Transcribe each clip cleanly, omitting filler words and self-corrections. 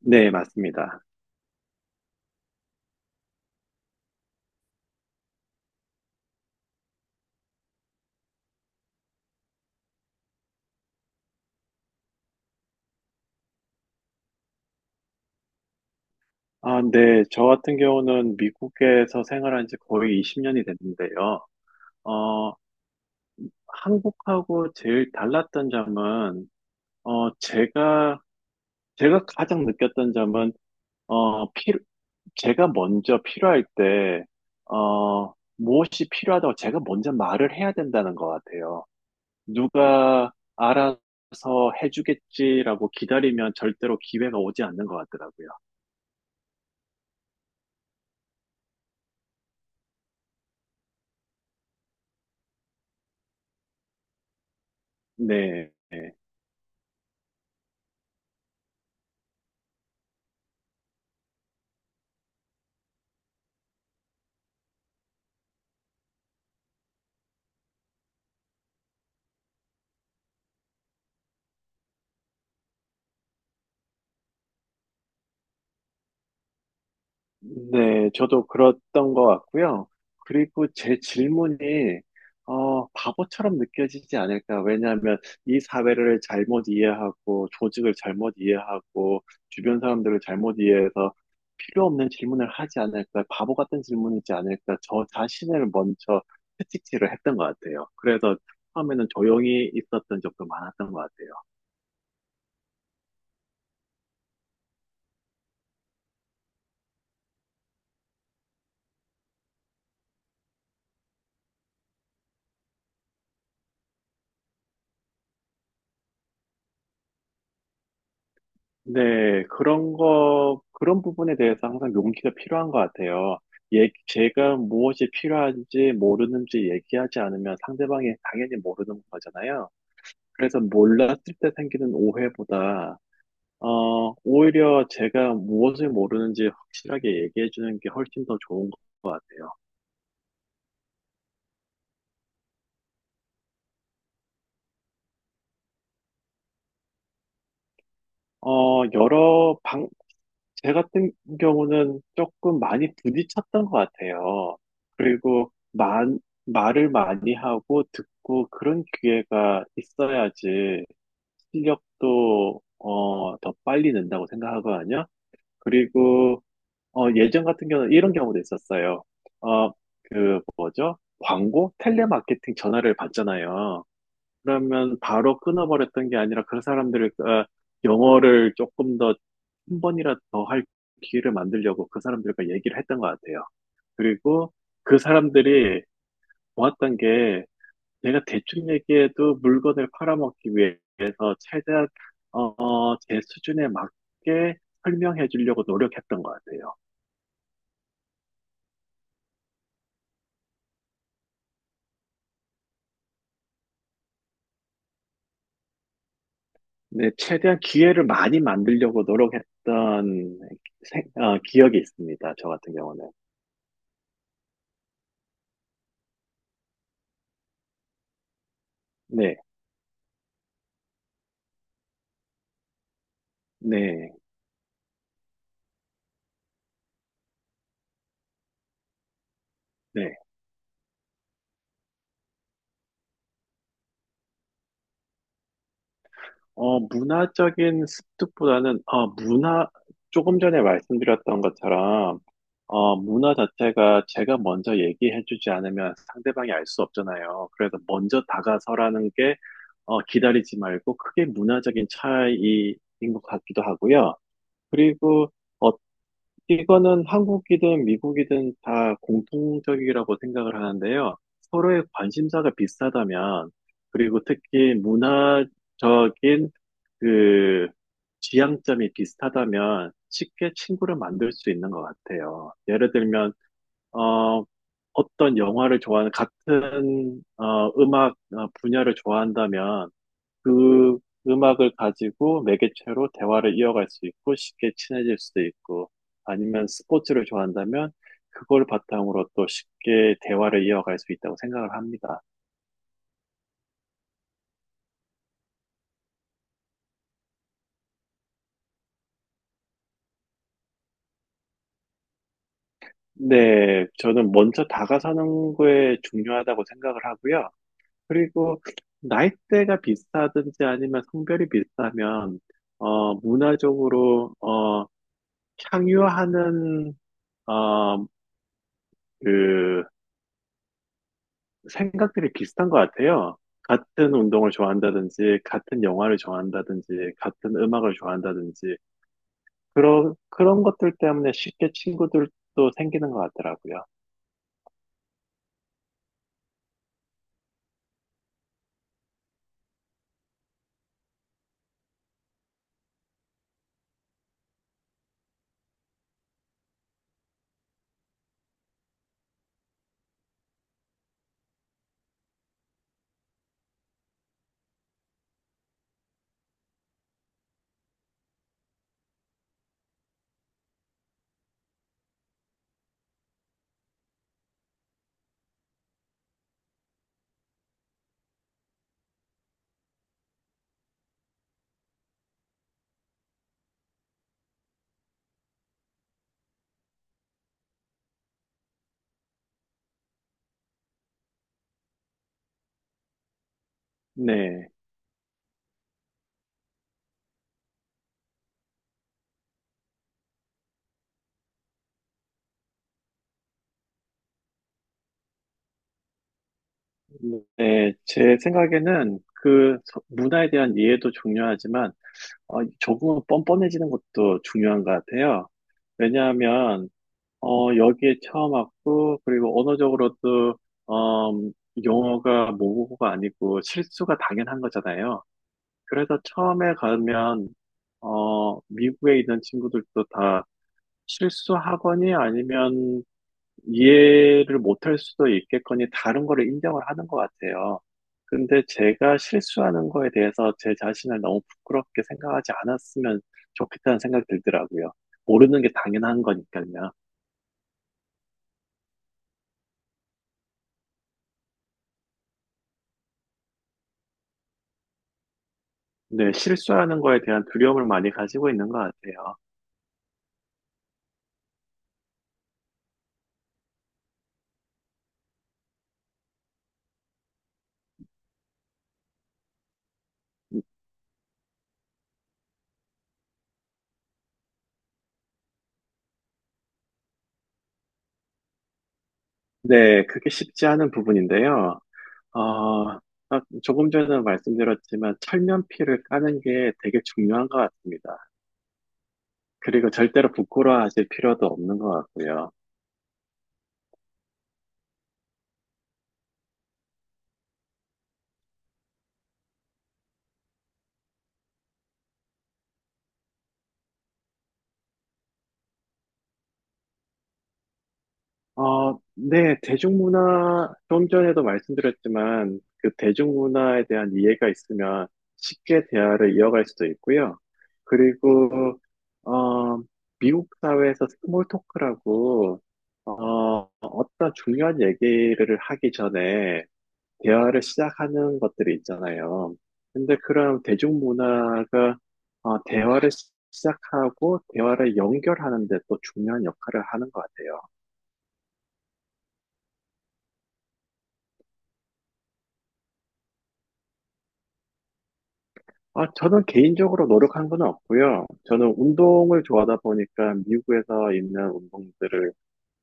네, 맞습니다. 아, 네. 저 같은 경우는 미국에서 생활한 지 거의 20년이 됐는데요. 어, 한국하고 제일 달랐던 점은, 어, 제가, 제가 가장 느꼈던 점은, 어, 피, 제가 먼저 필요할 때, 무엇이 필요하다고 제가 먼저 말을 해야 된다는 것 같아요. 누가 알아서 해주겠지라고 기다리면 절대로 기회가 오지 않는 것 같더라고요. 네. 네, 저도 그랬던 것 같고요. 그리고 제 질문이, 바보처럼 느껴지지 않을까. 왜냐하면 이 사회를 잘못 이해하고, 조직을 잘못 이해하고, 주변 사람들을 잘못 이해해서 필요 없는 질문을 하지 않을까. 바보 같은 질문이지 않을까. 저 자신을 먼저 채찍질을 했던 것 같아요. 그래서 처음에는 조용히 있었던 적도 많았던 것 같아요. 네, 그런 부분에 대해서 항상 용기가 필요한 것 같아요. 예, 제가 무엇이 필요한지 모르는지 얘기하지 않으면 상대방이 당연히 모르는 거잖아요. 그래서 몰랐을 때 생기는 오해보다, 오히려 제가 무엇을 모르는지 확실하게 얘기해 주는 게 훨씬 더 좋은 것 같아요. 어, 여러 방, 제 같은 경우는 조금 많이 부딪혔던 것 같아요. 그리고 만, 말을 많이 하고 듣고 그런 기회가 있어야지 실력도 더 빨리 는다고 생각하거든요. 그리고 예전 같은 경우는 이런 경우도 있었어요. 어, 그 뭐죠? 광고? 텔레마케팅 전화를 받잖아요. 그러면 바로 끊어버렸던 게 아니라 그 사람들을 어, 영어를 조금 더 한 번이라도 더 할 기회를 만들려고 그 사람들과 얘기를 했던 것 같아요. 그리고 그 사람들이 좋았던 게 내가 대충 얘기해도 물건을 팔아먹기 위해서 최대한 제 수준에 맞게 설명해 주려고 노력했던 것 같아요. 네, 최대한 기회를 많이 만들려고 노력했던 기억이 있습니다. 저 같은 경우는. 네, 네, 네. 문화적인 습득보다는, 조금 전에 말씀드렸던 것처럼, 문화 자체가 제가 먼저 얘기해주지 않으면 상대방이 알 수 없잖아요. 그래서 먼저 다가서라는 게, 기다리지 말고, 크게 문화적인 차이인 것 같기도 하고요. 그리고, 어, 이거는 한국이든 미국이든 다 공통적이라고 생각을 하는데요. 서로의 관심사가 비슷하다면, 그리고 특히 문화적인 그 지향점이 비슷하다면 쉽게 친구를 만들 수 있는 것 같아요. 예를 들면 어 어떤 영화를 좋아하는 같은 음악 분야를 좋아한다면 그 음악을 가지고 매개체로 대화를 이어갈 수 있고 쉽게 친해질 수도 있고 아니면 스포츠를 좋아한다면 그걸 바탕으로 또 쉽게 대화를 이어갈 수 있다고 생각을 합니다. 네, 저는 먼저 다가서는 게 중요하다고 생각을 하고요. 그리고 나이대가 비슷하든지 아니면 성별이 비슷하면 문화적으로 향유하는 어그 생각들이 비슷한 것 같아요. 같은 운동을 좋아한다든지 같은 영화를 좋아한다든지 같은 음악을 좋아한다든지 그런 것들 때문에 쉽게 친구들도 생기는 것 같더라고요. 네. 네, 제 생각에는 문화에 대한 이해도 중요하지만 조금 뻔뻔해지는 것도 중요한 것 같아요. 왜냐하면, 여기에 처음 왔고, 그리고 언어적으로도, 어, 영어가 모국어가 아니고 실수가 당연한 거잖아요. 그래서 처음에 가면, 미국에 있는 친구들도 다 실수하거니 아니면 이해를 못할 수도 있겠거니 다른 거를 인정을 하는 것 같아요. 근데 제가 실수하는 거에 대해서 제 자신을 너무 부끄럽게 생각하지 않았으면 좋겠다는 생각이 들더라고요. 모르는 게 당연한 거니까요. 근데 실수하는 거에 대한 두려움을 많이 가지고 있는 것 같아요. 네, 그게 쉽지 않은 부분인데요. 어, 아, 조금 전에 말씀드렸지만 철면피를 까는 게 되게 중요한 것 같습니다. 그리고 절대로 부끄러워하실 필요도 없는 것 같고요. 어, 네, 대중문화, 좀 전에도 말씀드렸지만, 그 대중문화에 대한 이해가 있으면 쉽게 대화를 이어갈 수도 있고요. 그리고, 어, 미국 사회에서 스몰 토크라고, 어떤 중요한 얘기를 하기 전에 대화를 시작하는 것들이 있잖아요. 근데 그런 대중문화가, 대화를 시작하고 대화를 연결하는 데 또 중요한 역할을 하는 것 같아요. 아, 저는 개인적으로 노력한 건 없고요. 저는 운동을 좋아하다 보니까 미국에서 있는 운동들을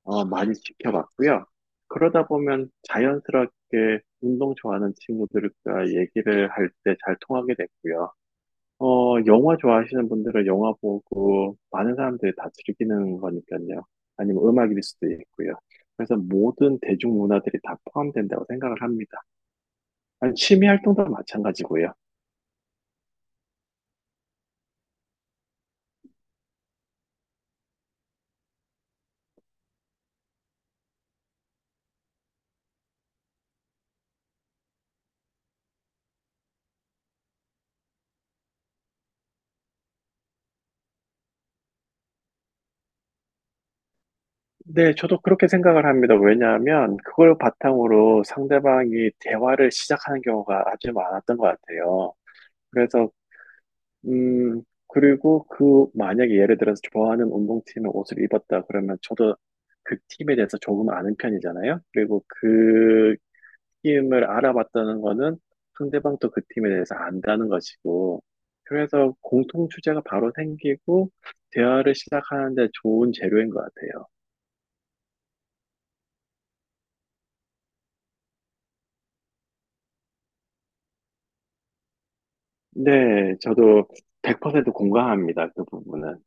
많이 지켜봤고요. 그러다 보면 자연스럽게 운동 좋아하는 친구들과 얘기를 할 때 잘 통하게 됐고요. 영화 좋아하시는 분들은 영화 보고 많은 사람들이 다 즐기는 거니까요. 아니면 음악일 수도 있고요. 그래서 모든 대중문화들이 다 포함된다고 생각을 합니다. 아니, 취미 활동도 마찬가지고요. 네, 저도 그렇게 생각을 합니다. 왜냐하면 그걸 바탕으로 상대방이 대화를 시작하는 경우가 아주 많았던 것 같아요. 그래서 음 그리고 그 만약에 예를 들어서 좋아하는 운동팀의 옷을 입었다 그러면 저도 그 팀에 대해서 조금 아는 편이잖아요. 그리고 그 팀을 알아봤다는 거는 상대방도 그 팀에 대해서 안다는 것이고, 그래서 공통 주제가 바로 생기고, 대화를 시작하는데 좋은 재료인 것 같아요. 네, 저도 100% 공감합니다. 그 부분은.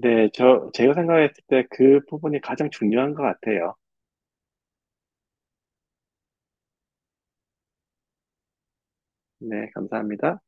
네, 저, 제가 생각했을 때 그 부분이 가장 중요한 것 같아요. 네, 감사합니다.